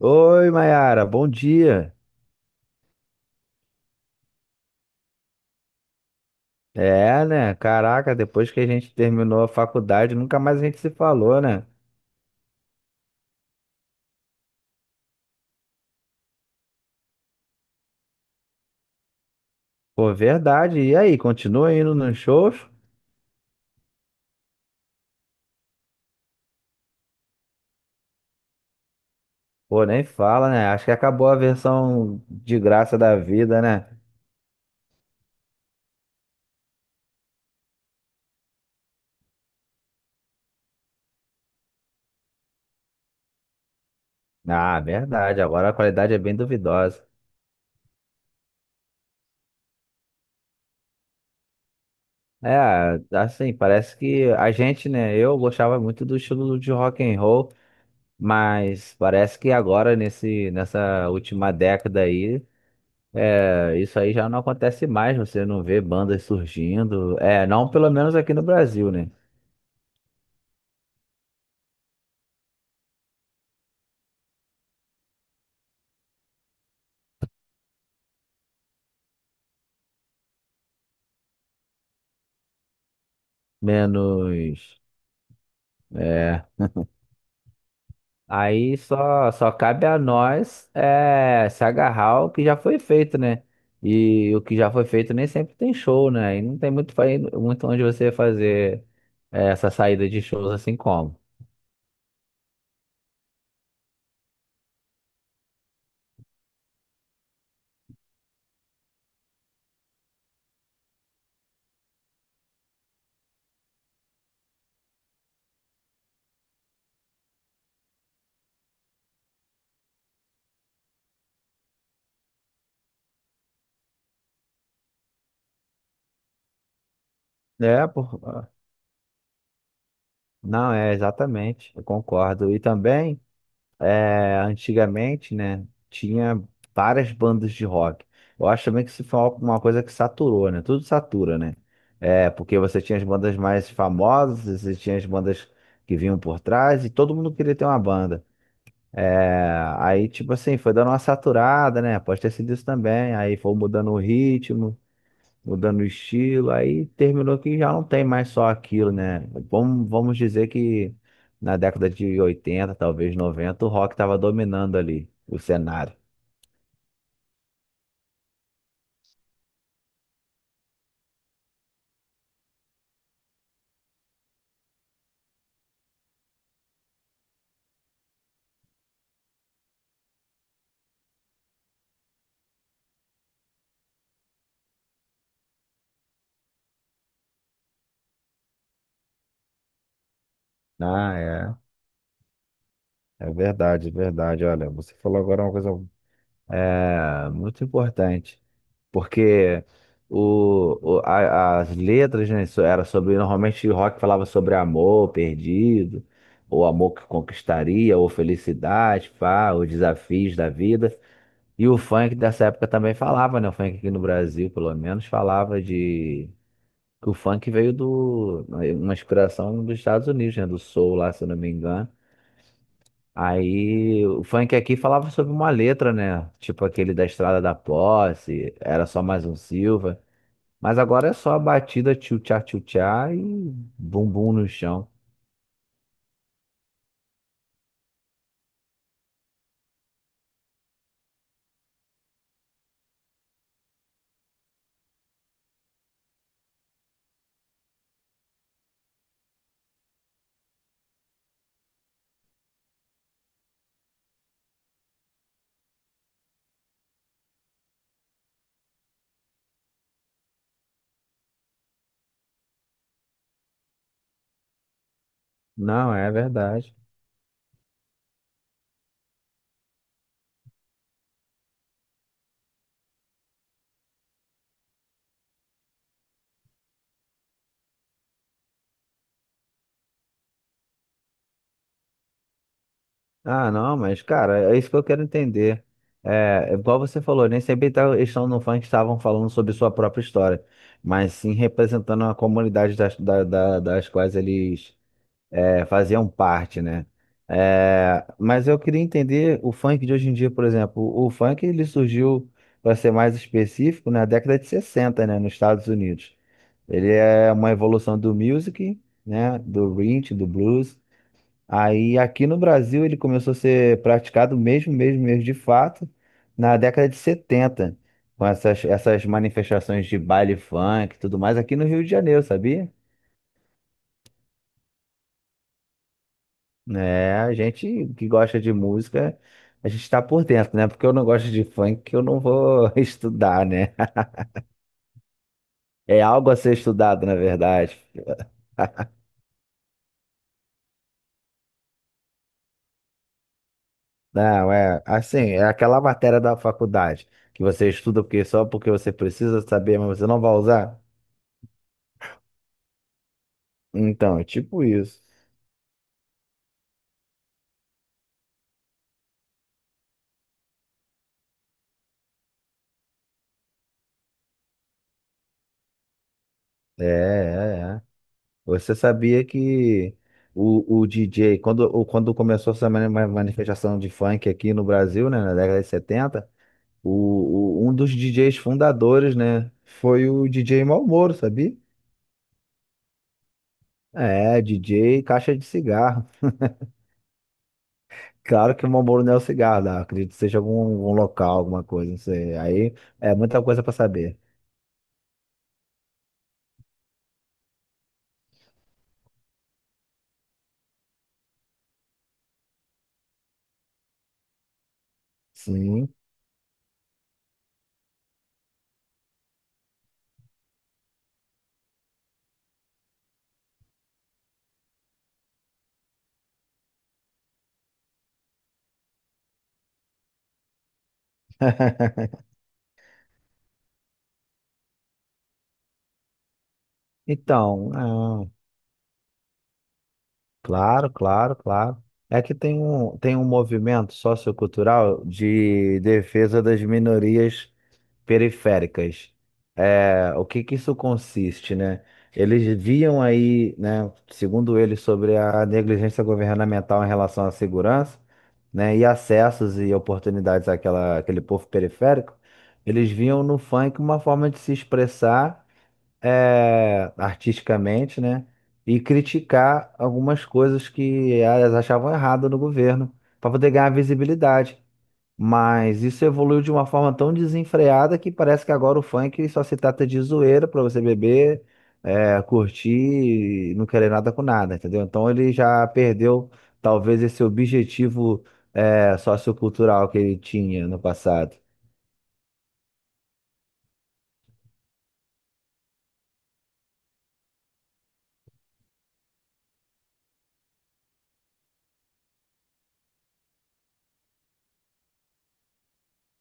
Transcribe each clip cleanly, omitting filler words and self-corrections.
Oi, Mayara, bom dia. É, né? Caraca, depois que a gente terminou a faculdade, nunca mais a gente se falou, né? Pô, verdade. E aí, continua indo nos shows? Pô, nem fala, né? Acho que acabou a versão de graça da vida, né? Ah, verdade. Agora a qualidade é bem duvidosa. É, assim, parece que a gente, né? Eu gostava muito do estilo de rock and roll, mas parece que agora nesse nessa última década aí. Isso aí já não acontece mais, você não vê bandas surgindo. É, não pelo menos aqui no Brasil, né? Menos. É. Aí só cabe a nós, se agarrar ao que já foi feito, né? E o que já foi feito nem sempre tem show, né? E não tem muito onde você fazer essa saída de shows assim como. É, por... não, é exatamente, eu concordo. E também. Antigamente, né, tinha várias bandas de rock. Eu acho também que isso foi uma coisa que saturou, né? Tudo satura, né? É, porque você tinha as bandas mais famosas, você tinha as bandas que vinham por trás e todo mundo queria ter uma banda. É, aí, tipo assim, foi dando uma saturada, né? Pode ter sido isso também. Aí foi mudando o ritmo, mudando o estilo, aí terminou que já não tem mais só aquilo, né? Vamos dizer que na década de 80, talvez 90, o rock estava dominando ali o cenário. Ah, é. É verdade, é verdade. Olha, você falou agora uma coisa. É muito importante, porque as letras, né, era sobre, normalmente o rock falava sobre amor perdido, ou amor que conquistaria, ou felicidade, pá, os desafios da vida. E o funk dessa época também falava, né? O funk aqui no Brasil, pelo menos, falava de. Que o funk veio do. Uma inspiração dos Estados Unidos, né? Do soul lá, se eu não me engano. Aí o funk aqui falava sobre uma letra, né? Tipo aquele da Estrada da Posse, era só mais um Silva. Mas agora é só a batida tchutchá tchutchá e bumbum no chão. Não, é verdade. Ah, não, mas, cara, é isso que eu quero entender. É, é igual você falou, nem sempre eles estão no funk, estavam falando sobre sua própria história, mas sim representando a comunidade das quais eles, faziam parte, né? É, mas eu queria entender o funk de hoje em dia, por exemplo. O funk, ele surgiu, para ser mais específico, na década de 60, né, nos Estados Unidos. Ele é uma evolução do music, né, do rhythm, do blues. Aí aqui no Brasil ele começou a ser praticado mesmo, mesmo, mesmo de fato, na década de 70, com essas manifestações de baile funk e tudo mais aqui no Rio de Janeiro, sabia? É, a gente que gosta de música, a gente está por dentro, né? Porque eu não gosto de funk, que eu não vou estudar, né? É algo a ser estudado, na verdade. Não, é assim, é aquela matéria da faculdade que você estuda porque só porque você precisa saber, mas você não vai usar. Então, é tipo isso. É, é, é. Você sabia que o DJ, quando começou essa manifestação de funk aqui no Brasil, né, na década de 70, um dos DJs fundadores, né, foi o DJ Malboro, sabia? É, DJ Caixa de Cigarro. Claro que o Malboro não é o cigarro, né? Acredito que seja algum local, alguma coisa, não sei. Aí é muita coisa para saber. Sim. Então, claro, claro, claro. É que tem um movimento sociocultural de defesa das minorias periféricas. É, o que que isso consiste, né? Eles viam aí, né, segundo eles, sobre a negligência governamental em relação à segurança, né, e acessos e oportunidades àquela, àquele povo periférico. Eles viam no funk uma forma de se expressar, artisticamente, né? E criticar algumas coisas que elas achavam errado no governo, para poder ganhar visibilidade. Mas isso evoluiu de uma forma tão desenfreada que parece que agora o funk só se trata de zoeira para você beber, curtir e não querer nada com nada, entendeu? Então ele já perdeu talvez esse objetivo, sociocultural, que ele tinha no passado.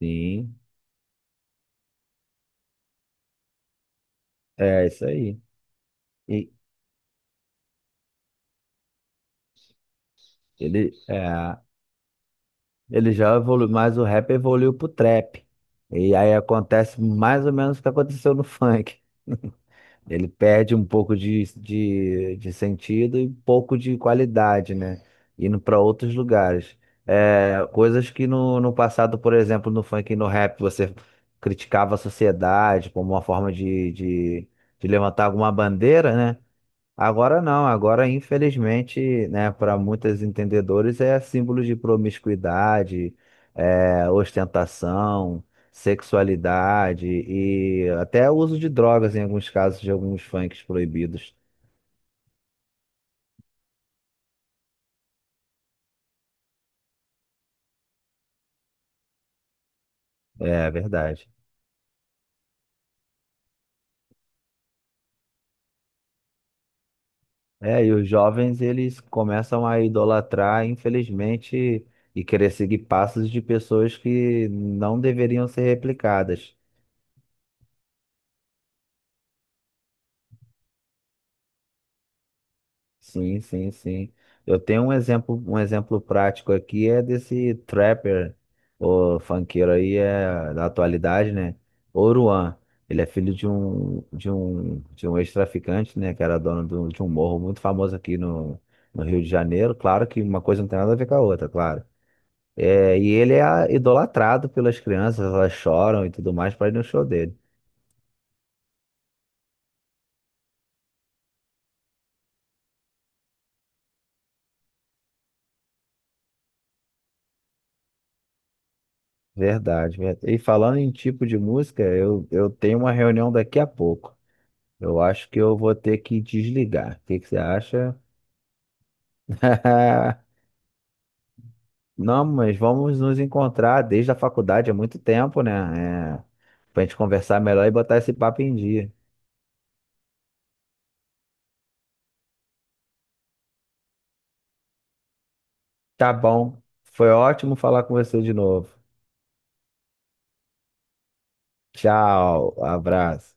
Sim, é isso aí. E ele, é. Ele já evoluiu, mas o rap evoluiu pro trap. E aí acontece mais ou menos o que aconteceu no funk. Ele perde um pouco de sentido e um pouco de qualidade, né? Indo para outros lugares. É, coisas que no passado, por exemplo, no funk e no rap, você criticava a sociedade como uma forma de levantar alguma bandeira, né? Agora não, agora infelizmente, né, para muitos entendedores é símbolo de promiscuidade, ostentação, sexualidade e até uso de drogas em alguns casos de alguns funks proibidos. É verdade. É, e os jovens eles começam a idolatrar, infelizmente, e querer seguir passos de pessoas que não deveriam ser replicadas. Sim, sim, sim. Eu tenho um exemplo prático aqui, é desse trapper, o funkeiro aí é da atualidade, né? Oruan. Ele é filho de um ex-traficante, né, que era dono de um morro muito famoso aqui no Rio de Janeiro. Claro que uma coisa não tem nada a ver com a outra, claro. É, e ele é idolatrado pelas crianças, elas choram e tudo mais para ir no show dele. Verdade, verdade. E falando em tipo de música, eu tenho uma reunião daqui a pouco. Eu acho que eu vou ter que desligar. O que que você acha? Não, mas vamos nos encontrar desde a faculdade há muito tempo, né? É, pra gente conversar melhor e botar esse papo em dia. Tá bom. Foi ótimo falar com você de novo. Tchau, abraço.